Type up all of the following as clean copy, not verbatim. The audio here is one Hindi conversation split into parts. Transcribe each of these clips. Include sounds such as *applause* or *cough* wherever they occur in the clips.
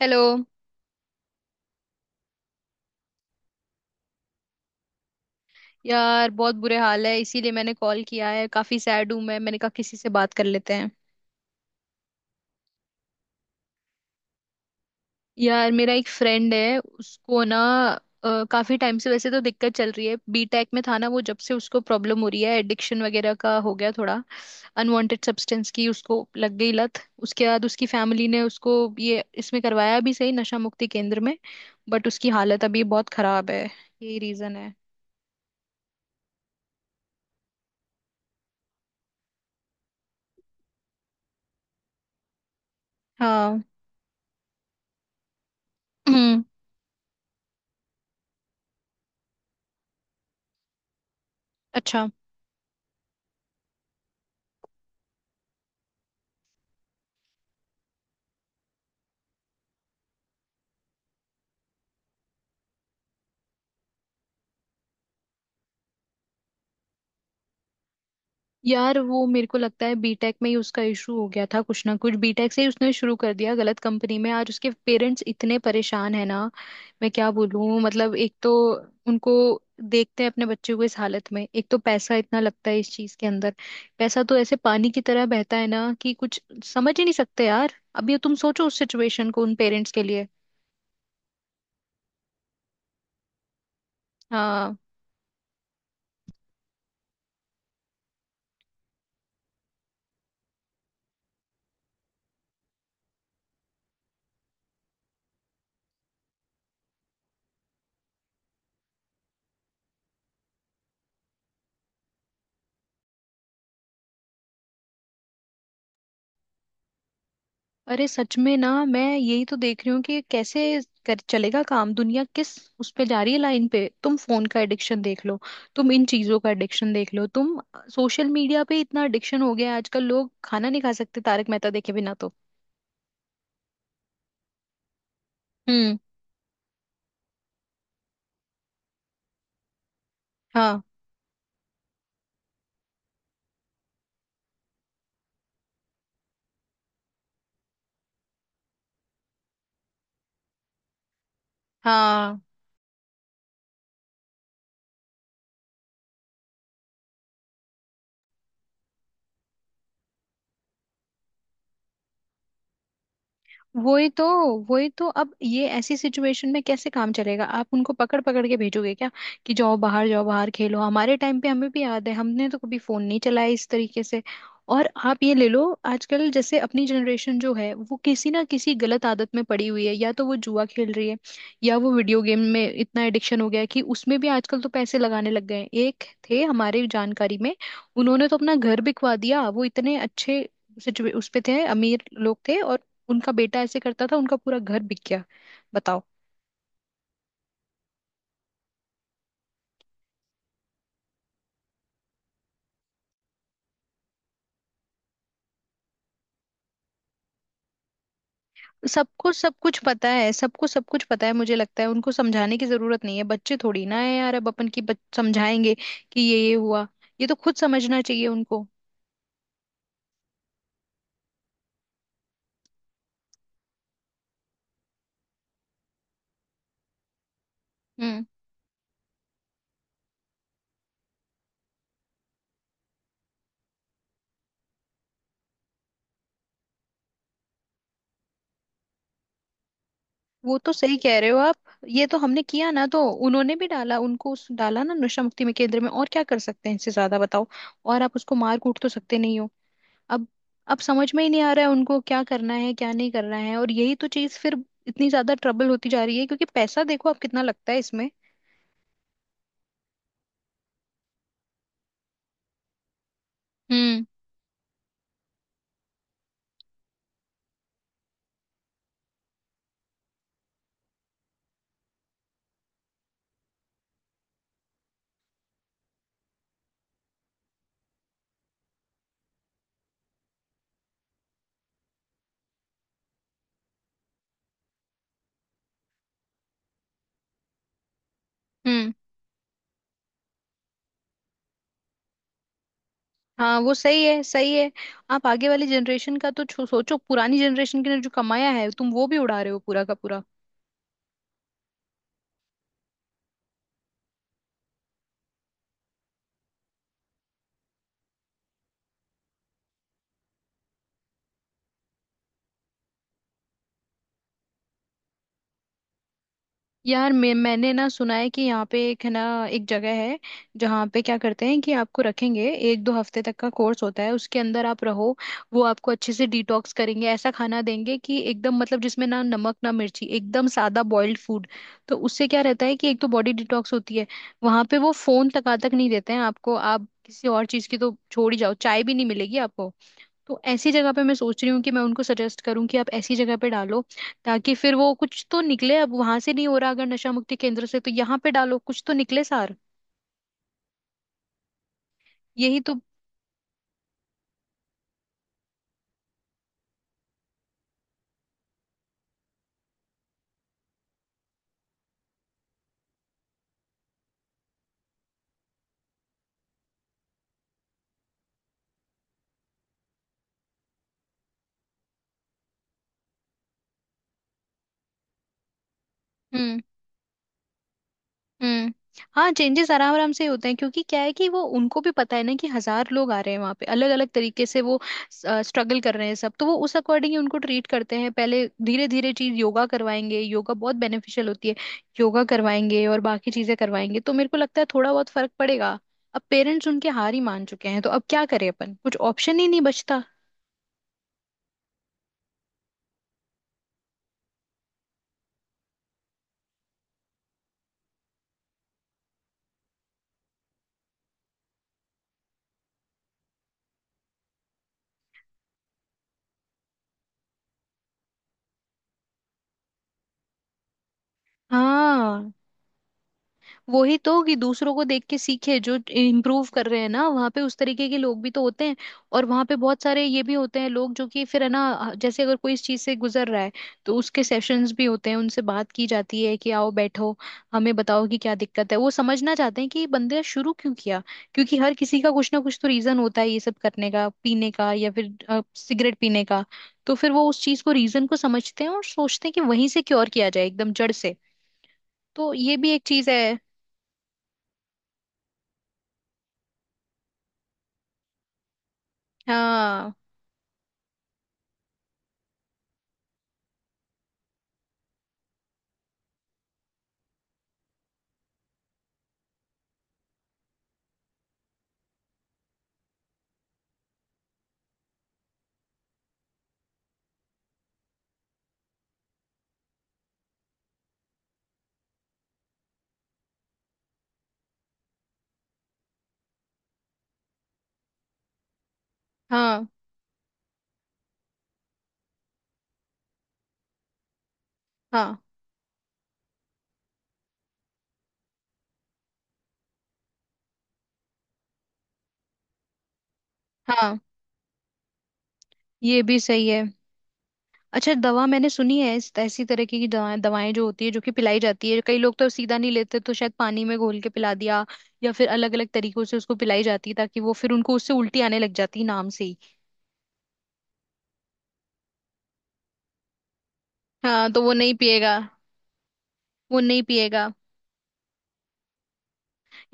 हेलो। यार, बहुत बुरे हाल है इसीलिए मैंने कॉल किया है। काफी सैड हूं मैंने कहा किसी से बात कर लेते हैं। यार, मेरा एक फ्रेंड है उसको ना, काफी टाइम से वैसे तो दिक्कत चल रही है। बीटेक में था ना वो, जब से उसको प्रॉब्लम हो रही है, एडिक्शन वगैरह का हो गया थोड़ा। अनवांटेड सब्सटेंस की उसको लग गई लत। उसके बाद उसकी फैमिली ने उसको ये इसमें करवाया भी, सही नशा मुक्ति केंद्र में। बट उसकी हालत अभी बहुत खराब है। यही रीजन है। हाँ। *clears throat* अच्छा, यार वो मेरे को लगता है बीटेक में ही उसका इशू हो गया था। कुछ ना कुछ बीटेक से ही उसने शुरू कर दिया, गलत कंपनी में। आज उसके पेरेंट्स इतने परेशान है ना। मैं क्या बोलूं, मतलब एक तो उनको, देखते हैं अपने बच्चे को इस हालत में। एक तो पैसा इतना लगता है इस चीज के अंदर। पैसा तो ऐसे पानी की तरह बहता है ना, कि कुछ समझ ही नहीं सकते। यार, अभी तुम सोचो उस सिचुएशन को उन पेरेंट्स के लिए। हाँ। अरे सच में ना, मैं यही तो देख रही हूँ कि कैसे कर चलेगा काम। दुनिया किस उस पे जा रही है लाइन पे। तुम फोन का एडिक्शन देख लो। तुम इन चीजों का एडिक्शन देख लो। तुम सोशल मीडिया पे इतना एडिक्शन हो गया है, आजकल लोग खाना नहीं खा सकते तारक मेहता देखे बिना तो। हम्म। हाँ। हाँ। वही तो। वही तो, अब ये ऐसी सिचुएशन में कैसे काम चलेगा? आप उनको पकड़ पकड़ के भेजोगे क्या, कि जाओ बाहर, जाओ बाहर खेलो? हमारे टाइम पे हमें भी याद है, हमने तो कभी फोन नहीं चलाया इस तरीके से। और आप ये ले लो आजकल, जैसे अपनी जनरेशन जो है वो किसी ना किसी गलत आदत में पड़ी हुई है। या तो वो जुआ खेल रही है, या वो वीडियो गेम में इतना एडिक्शन हो गया है कि उसमें भी आजकल तो पैसे लगाने लग गए हैं। एक थे हमारे जानकारी में, उन्होंने तो अपना घर बिकवा दिया। वो इतने अच्छे सिचुए उस पे थे, अमीर लोग थे, और उनका बेटा ऐसे करता था, उनका पूरा घर बिक गया। बताओ। सबको सब कुछ पता है, सबको सब कुछ पता है। मुझे लगता है उनको समझाने की जरूरत नहीं है, बच्चे थोड़ी ना है यार, अब अपन की समझाएंगे कि ये हुआ। ये तो खुद समझना चाहिए उनको। हम्म। वो तो सही कह रहे हो आप। ये तो हमने किया ना तो, उन्होंने भी डाला उनको डाला ना नशा मुक्ति में केंद्र में। और क्या कर सकते हैं इससे ज्यादा, बताओ? और आप उसको मार कूट तो सकते नहीं हो। अब अब समझ में ही नहीं आ रहा है उनको क्या करना है क्या नहीं करना है। और यही तो चीज फिर इतनी ज्यादा ट्रबल होती जा रही है, क्योंकि पैसा देखो आप कितना लगता है इसमें। हम्म। हम्म। हाँ, वो सही है, सही है। आप आगे वाली जनरेशन का तो सोचो, पुरानी जनरेशन के ने जो कमाया है तुम वो भी उड़ा रहे हो, पूरा का पूरा। यार, मैंने ना सुना है कि यहाँ पे एक है ना, एक जगह है जहाँ पे क्या करते हैं कि आपको रखेंगे। एक दो हफ्ते तक का कोर्स होता है, उसके अंदर आप रहो। वो आपको अच्छे से डिटॉक्स करेंगे, ऐसा खाना देंगे कि एकदम मतलब जिसमें ना नमक ना मिर्ची, एकदम सादा बॉइल्ड फूड। तो उससे क्या रहता है कि एक तो बॉडी डिटॉक्स होती है। वहां पे वो फोन तक तक नहीं देते हैं आपको। आप किसी और चीज की तो छोड़ ही जाओ, चाय भी नहीं मिलेगी आपको। तो ऐसी जगह पे मैं सोच रही हूँ कि मैं उनको सजेस्ट करूँ कि आप ऐसी जगह पे डालो, ताकि फिर वो कुछ तो निकले। अब वहां से नहीं हो रहा अगर नशा मुक्ति केंद्र से, तो यहाँ पे डालो, कुछ तो निकले सार। यही तो। हम्म। हम्म। हाँ, चेंजेस आराम आराम से होते हैं, क्योंकि क्या है कि वो उनको भी पता है ना कि हजार लोग आ रहे हैं वहां पे अलग अलग तरीके से, वो स्ट्रगल कर रहे हैं सब। तो वो उस अकॉर्डिंग ही उनको ट्रीट करते हैं। पहले धीरे धीरे चीज, योगा करवाएंगे, योगा बहुत बेनिफिशियल होती है। योगा करवाएंगे और बाकी चीजें करवाएंगे, तो मेरे को लगता है थोड़ा बहुत फर्क पड़ेगा। अब पेरेंट्स उनके हार ही मान चुके हैं, तो अब क्या करें अपन, कुछ ऑप्शन ही नहीं बचता। हाँ। वही तो, कि दूसरों को देख के सीखे जो इम्प्रूव कर रहे हैं ना वहाँ पे, उस तरीके के लोग भी तो होते हैं। और वहाँ पे बहुत सारे ये भी होते हैं लोग, जो कि फिर है ना, जैसे अगर कोई इस चीज से गुजर रहा है, तो उसके सेशंस भी होते हैं, उनसे बात की जाती है कि आओ बैठो, हमें बताओ कि क्या दिक्कत है। वो समझना चाहते हैं कि ये बंदे शुरू क्यों किया, क्योंकि हर किसी का कुछ ना कुछ तो रीजन होता है ये सब करने का, पीने का या फिर सिगरेट पीने का। तो फिर वो उस चीज को, रीजन को समझते हैं और सोचते हैं कि वहीं से क्योर किया जाए एकदम जड़ से। तो ये भी एक चीज है। हाँ। हाँ। हाँ। हाँ। ये भी सही है। अच्छा, दवा मैंने सुनी है इस ऐसी तरह की, कि दवाएं दवाएं जो होती है जो कि पिलाई जाती है, कई लोग तो सीधा नहीं लेते तो शायद पानी में घोल के पिला दिया, या फिर अलग अलग तरीकों से उसको पिलाई जाती है, ताकि वो फिर उनको उससे उल्टी आने लग जाती है नाम से ही। हाँ, तो वो नहीं पिएगा। वो नहीं पिएगा।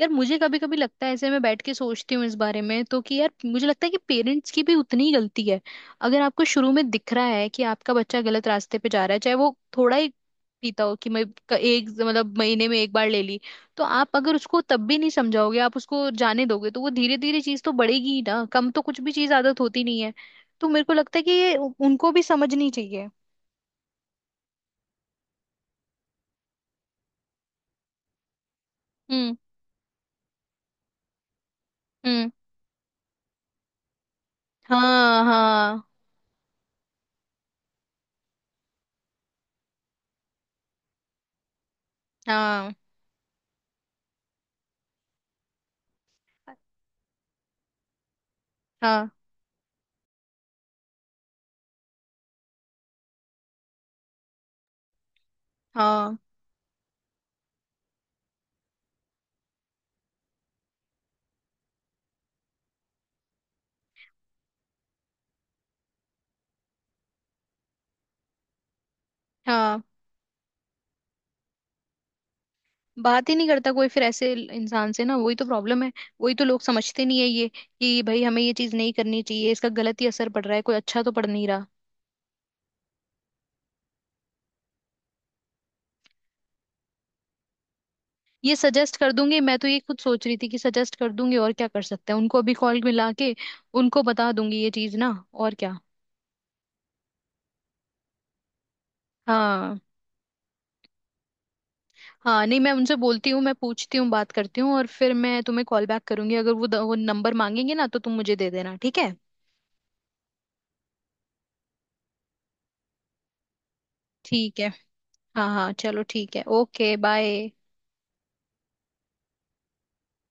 यार, मुझे कभी कभी लगता है, ऐसे मैं बैठ के सोचती हूँ इस बारे में, तो कि यार मुझे लगता है कि पेरेंट्स की भी उतनी ही गलती है। अगर आपको शुरू में दिख रहा है कि आपका बच्चा गलत रास्ते पे जा रहा है, चाहे वो थोड़ा ही पीता हो कि मैं एक, मतलब महीने में एक बार ले ली। तो आप अगर उसको तब भी नहीं समझाओगे, आप उसको जाने दोगे तो वो धीरे धीरे चीज तो बढ़ेगी ही ना, कम तो कुछ भी चीज आदत होती नहीं है। तो मेरे को लगता है कि ये उनको भी समझनी चाहिए। हम्म। हम्म। हाँ। हाँ। हाँ। हाँ। हाँ। हाँ। बात ही नहीं करता कोई फिर ऐसे इंसान से ना, वही तो प्रॉब्लम है। वही तो लोग समझते नहीं है ये, कि भाई हमें ये चीज नहीं करनी चाहिए, इसका गलत ही असर पड़ रहा है, कोई अच्छा तो पड़ नहीं रहा। ये सजेस्ट कर दूंगी मैं, तो ये खुद सोच रही थी कि सजेस्ट कर दूंगी, और क्या कर सकते हैं, उनको अभी कॉल मिला के उनको बता दूंगी ये चीज ना, और क्या। हाँ। हाँ नहीं, मैं उनसे बोलती हूँ, मैं पूछती हूँ, बात करती हूँ, और फिर मैं तुम्हें कॉल बैक करूंगी। अगर वो नंबर मांगेंगे ना, तो तुम मुझे दे देना, ठीक है। ठीक है। हाँ हाँ, चलो ठीक है, ओके बाय।